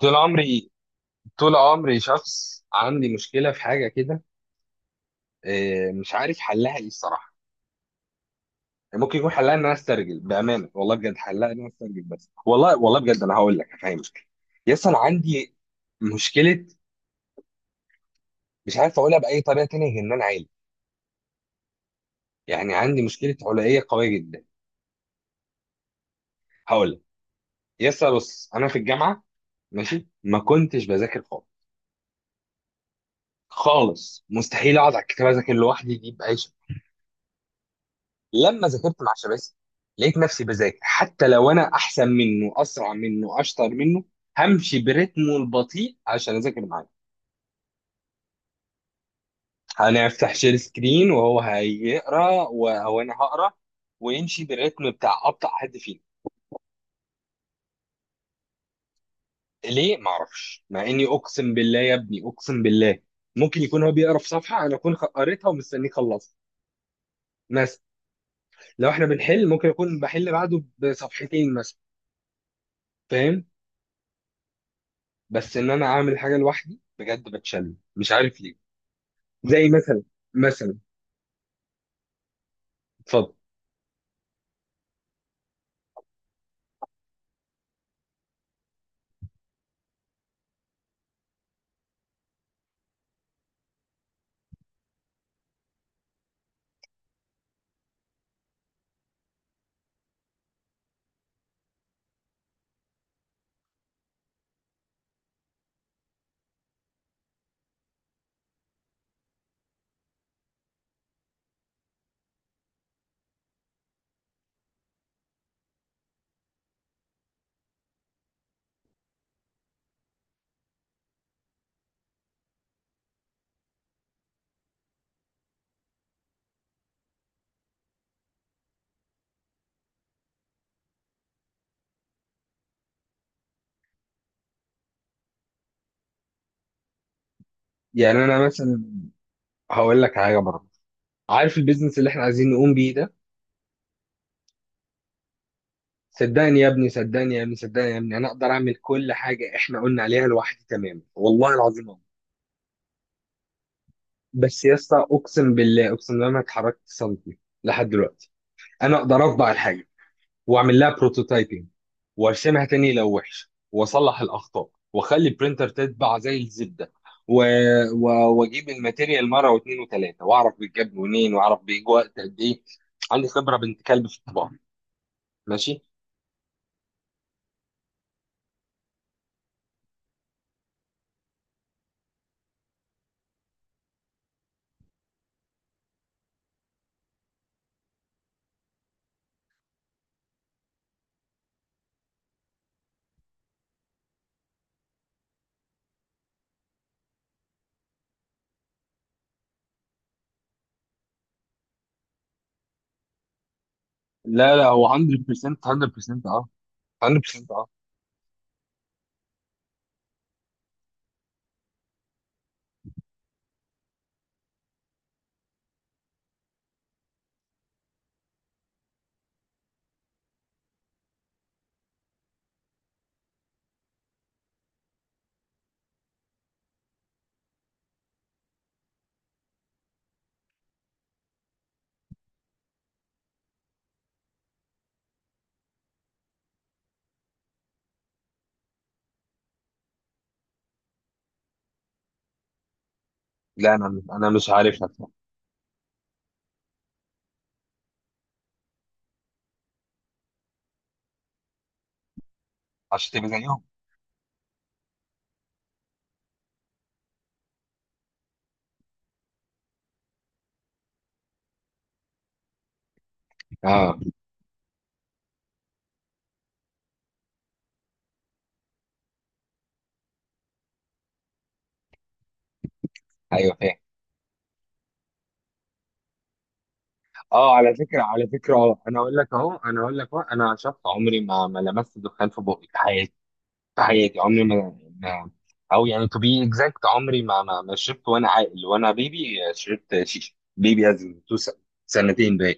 طول عمري طول عمري شخص عندي مشكلة في حاجة كده. إيه، مش عارف حلها ايه الصراحة. ممكن يكون حلها ان انا استرجل بأمانة، والله بجد حلها ان انا استرجل، بس والله والله بجد انا هقول لك هفهمك. يس انا عندي مشكلة. مش عارف اقولها بأي طريقة تانية غير ان انا عالي. يعني عندي مشكلة علائية قوية جدا. هقول لك. يس بص انا في الجامعة ماشي، ما كنتش بذاكر خالص. خالص مستحيل اقعد على الكتاب اذاكر لوحدي دي بأي شكل. لما ذاكرت مع شباسي لقيت نفسي بذاكر حتى لو انا احسن منه، اسرع منه، اشطر منه. همشي برتمه البطيء عشان اذاكر معاه. هنفتح شير سكرين وهو هيقرا وانا هقرا ويمشي بالرتم بتاع ابطا حد فينا. ليه؟ ما اعرفش، مع اني اقسم بالله يا ابني اقسم بالله ممكن يكون هو بيقرا في صفحه انا اكون قريتها ومستنيه يخلصها. مثلا لو احنا بنحل ممكن اكون بحل بعده بصفحتين مثلا. فاهم. بس ان انا اعمل حاجه لوحدي بجد بتشل، مش عارف ليه. زي مثلا. اتفضل. يعني انا مثلا هقول لك حاجه برضه. عارف البيزنس اللي احنا عايزين نقوم بيه ده؟ صدقني يا ابني، صدقني يا ابني، صدقني يا ابني انا اقدر اعمل كل حاجه احنا قلنا عليها لوحدي تماما، والله العظيم أقدر. بس يا اسطى، اقسم بالله اقسم بالله ما اتحركت سنتي لحد دلوقتي. انا اقدر اطبع الحاجه واعمل لها بروتوتايبنج وارسمها تاني لو وحش واصلح الاخطاء واخلي البرينتر تتبع زي الزبده. و... و... واجيب الماتيريال مره واثنين وثلاثه، واعرف بيتجاب منين واعرف بيجي وقت قد ايه. عندي خبره بنت كلب في الطباعه. ماشي. لا لا، هو 100% 100% اه. 100% اه. لا، انا مش عارفها بصراحة. عشان تبقى زيهم. اه، ايوه فاهم. اه على فكره، على فكره، اه انا اقول لك اهو، انا اقول لك اهو، انا شخص عمري ما لمست دخان في بقي في حياتي. ده حقيقي، عمري او يعني to be exact عمري ما شربت. وانا عاقل وانا بيبي شربت شيشه بيبي، از إن تو سنتين باين،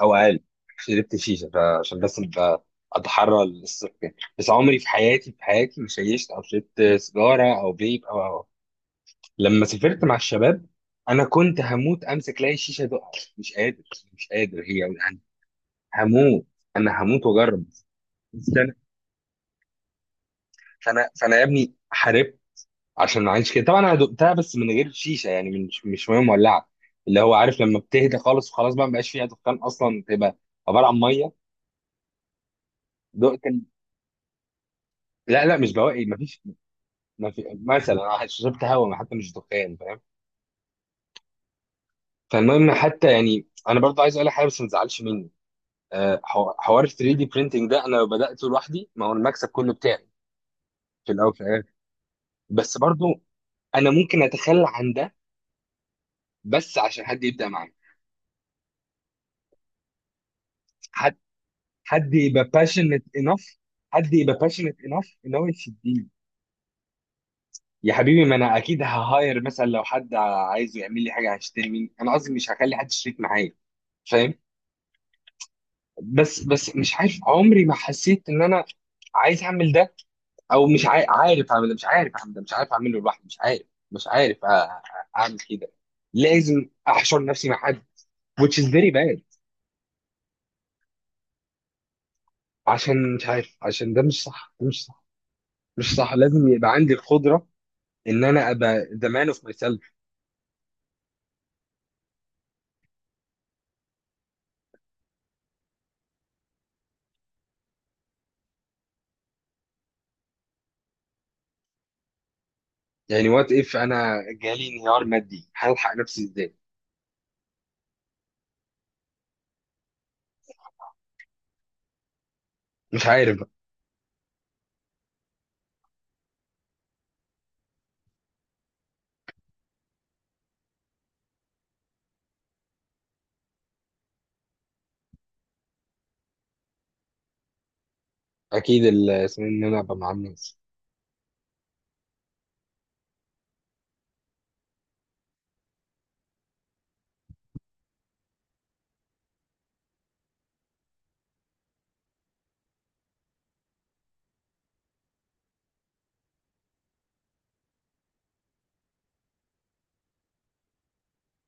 او اقل. شربت شيشه عشان بس أبقى اتحرى الصف يعني. بس عمري في حياتي، في حياتي ما شيشت او شربت سيجاره او فيب او. لما سافرت مع الشباب انا كنت هموت امسك لاي شيشه دقع. مش قادر، مش قادر هي يعني. هموت، انا هموت واجرب. فانا فانا فأنا يا ابني حاربت عشان عايش كده. طبعا انا دقتها، بس من غير شيشه، يعني من مش ميه مولعه، اللي هو عارف لما بتهدى خالص وخلاص بقى مبقاش فيها دخان اصلا، تبقى عباره عن ميه. دقت ال- لا لا، مش بواقي، مفيش. مثلا أنا شربت هواء حتى، مش دخان، فاهم. فالمهم، حتى يعني انا برضه عايز اقول لك حاجه بس ما تزعلش مني. حوار ال 3 دي برينتنج ده انا لو بداته لوحدي ما هو المكسب كله بتاعي في الاول في الاخر. بس برضه انا ممكن اتخلى عن ده بس عشان حد يبدا معايا. حد يبقى باشنت انف حد يبقى باشنت انف ان هو يشدني. يا حبيبي، ما انا اكيد ههاير مثلا لو حد عايز يعمل لي حاجه، هشتري مني، انا قصدي مش هخلي حد شريك معايا. فاهم. بس مش عارف، عمري ما حسيت ان انا عايز اعمل ده. او مش عارف اعمل ده، مش عارف اعمل ده، مش عارف اعمله لوحدي، مش عارف، مش عارف اعمل كده. لازم احشر نفسي مع حد which is very bad. عشان مش عارف، عشان ده مش صح، ده مش صح. مش صح، لازم يبقى عندي القدره ان انا ابقى the man of myself. يعني وات اف انا جالي انهيار مادي، هلحق نفسي ازاي؟ مش عارف بقى. اكيد اسمه إيه، ان انا ابقى مع الناس.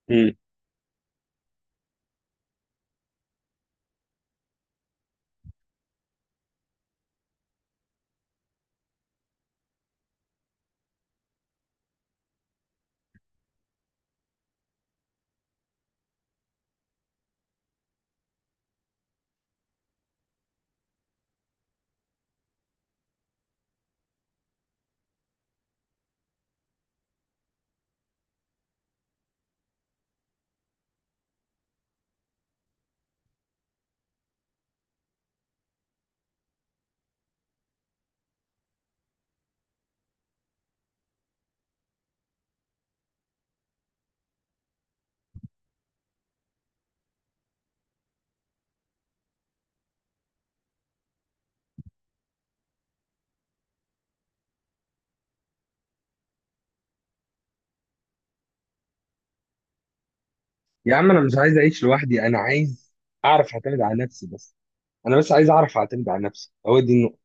مم. يا عم انا مش عايز اعيش لوحدي، انا عايز اعرف اعتمد على نفسي بس. انا بس عايز اعرف اعتمد على نفسي، هو دي النقطه.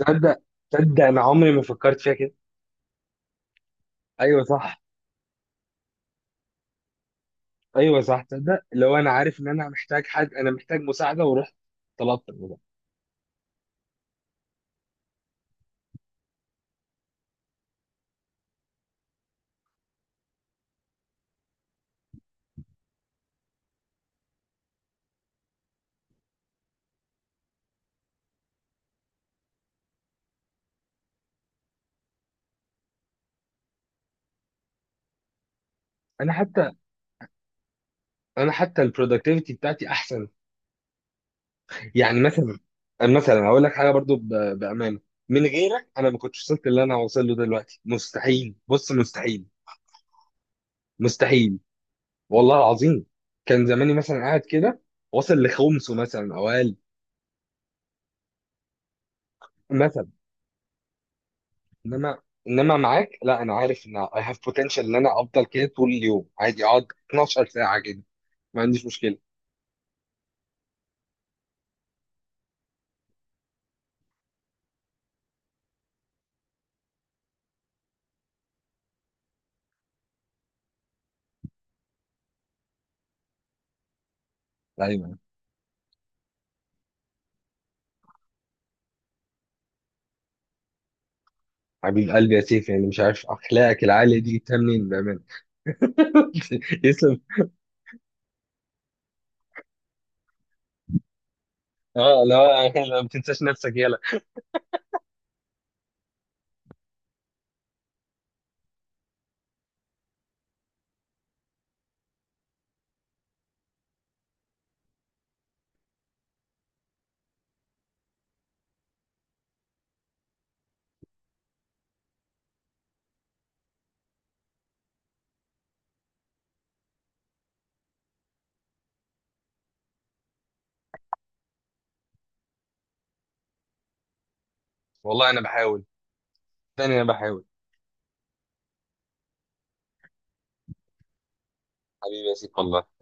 تصدق، تصدق انا عمري ما فكرت فيها كده. ايوه صح، ايوه صح. تصدق، لو انا عارف ان انا محتاج حد، انا محتاج مساعده ورحت طلبت الموضوع. انا حتى انا حتى البرودكتيفيتي بتاعتي احسن. يعني مثلا هقول لك حاجه برضو بامانه. من غيرك انا ما كنتش وصلت اللي انا واصل له دلوقتي، مستحيل، بص مستحيل، مستحيل. والله العظيم. كان زماني مثلا قاعد كده، واصل لخمسه مثلا او اقل. مثلا. انما معاك، لا انا عارف ان اي هاف بوتنشال ان انا افضل كده طول اليوم عادي، اقعد 12 ساعه كده، ما عنديش مشكله. ايوه، حبيب قلبي يا سيف، يعني مش عارف اخلاقك العاليه دي جبتها منين بامانه. يسلم. اه لا، لا ما تنساش نفسك يلا. والله انا بحاول، تاني انا بحاول. حبيبي يا سيف، والله.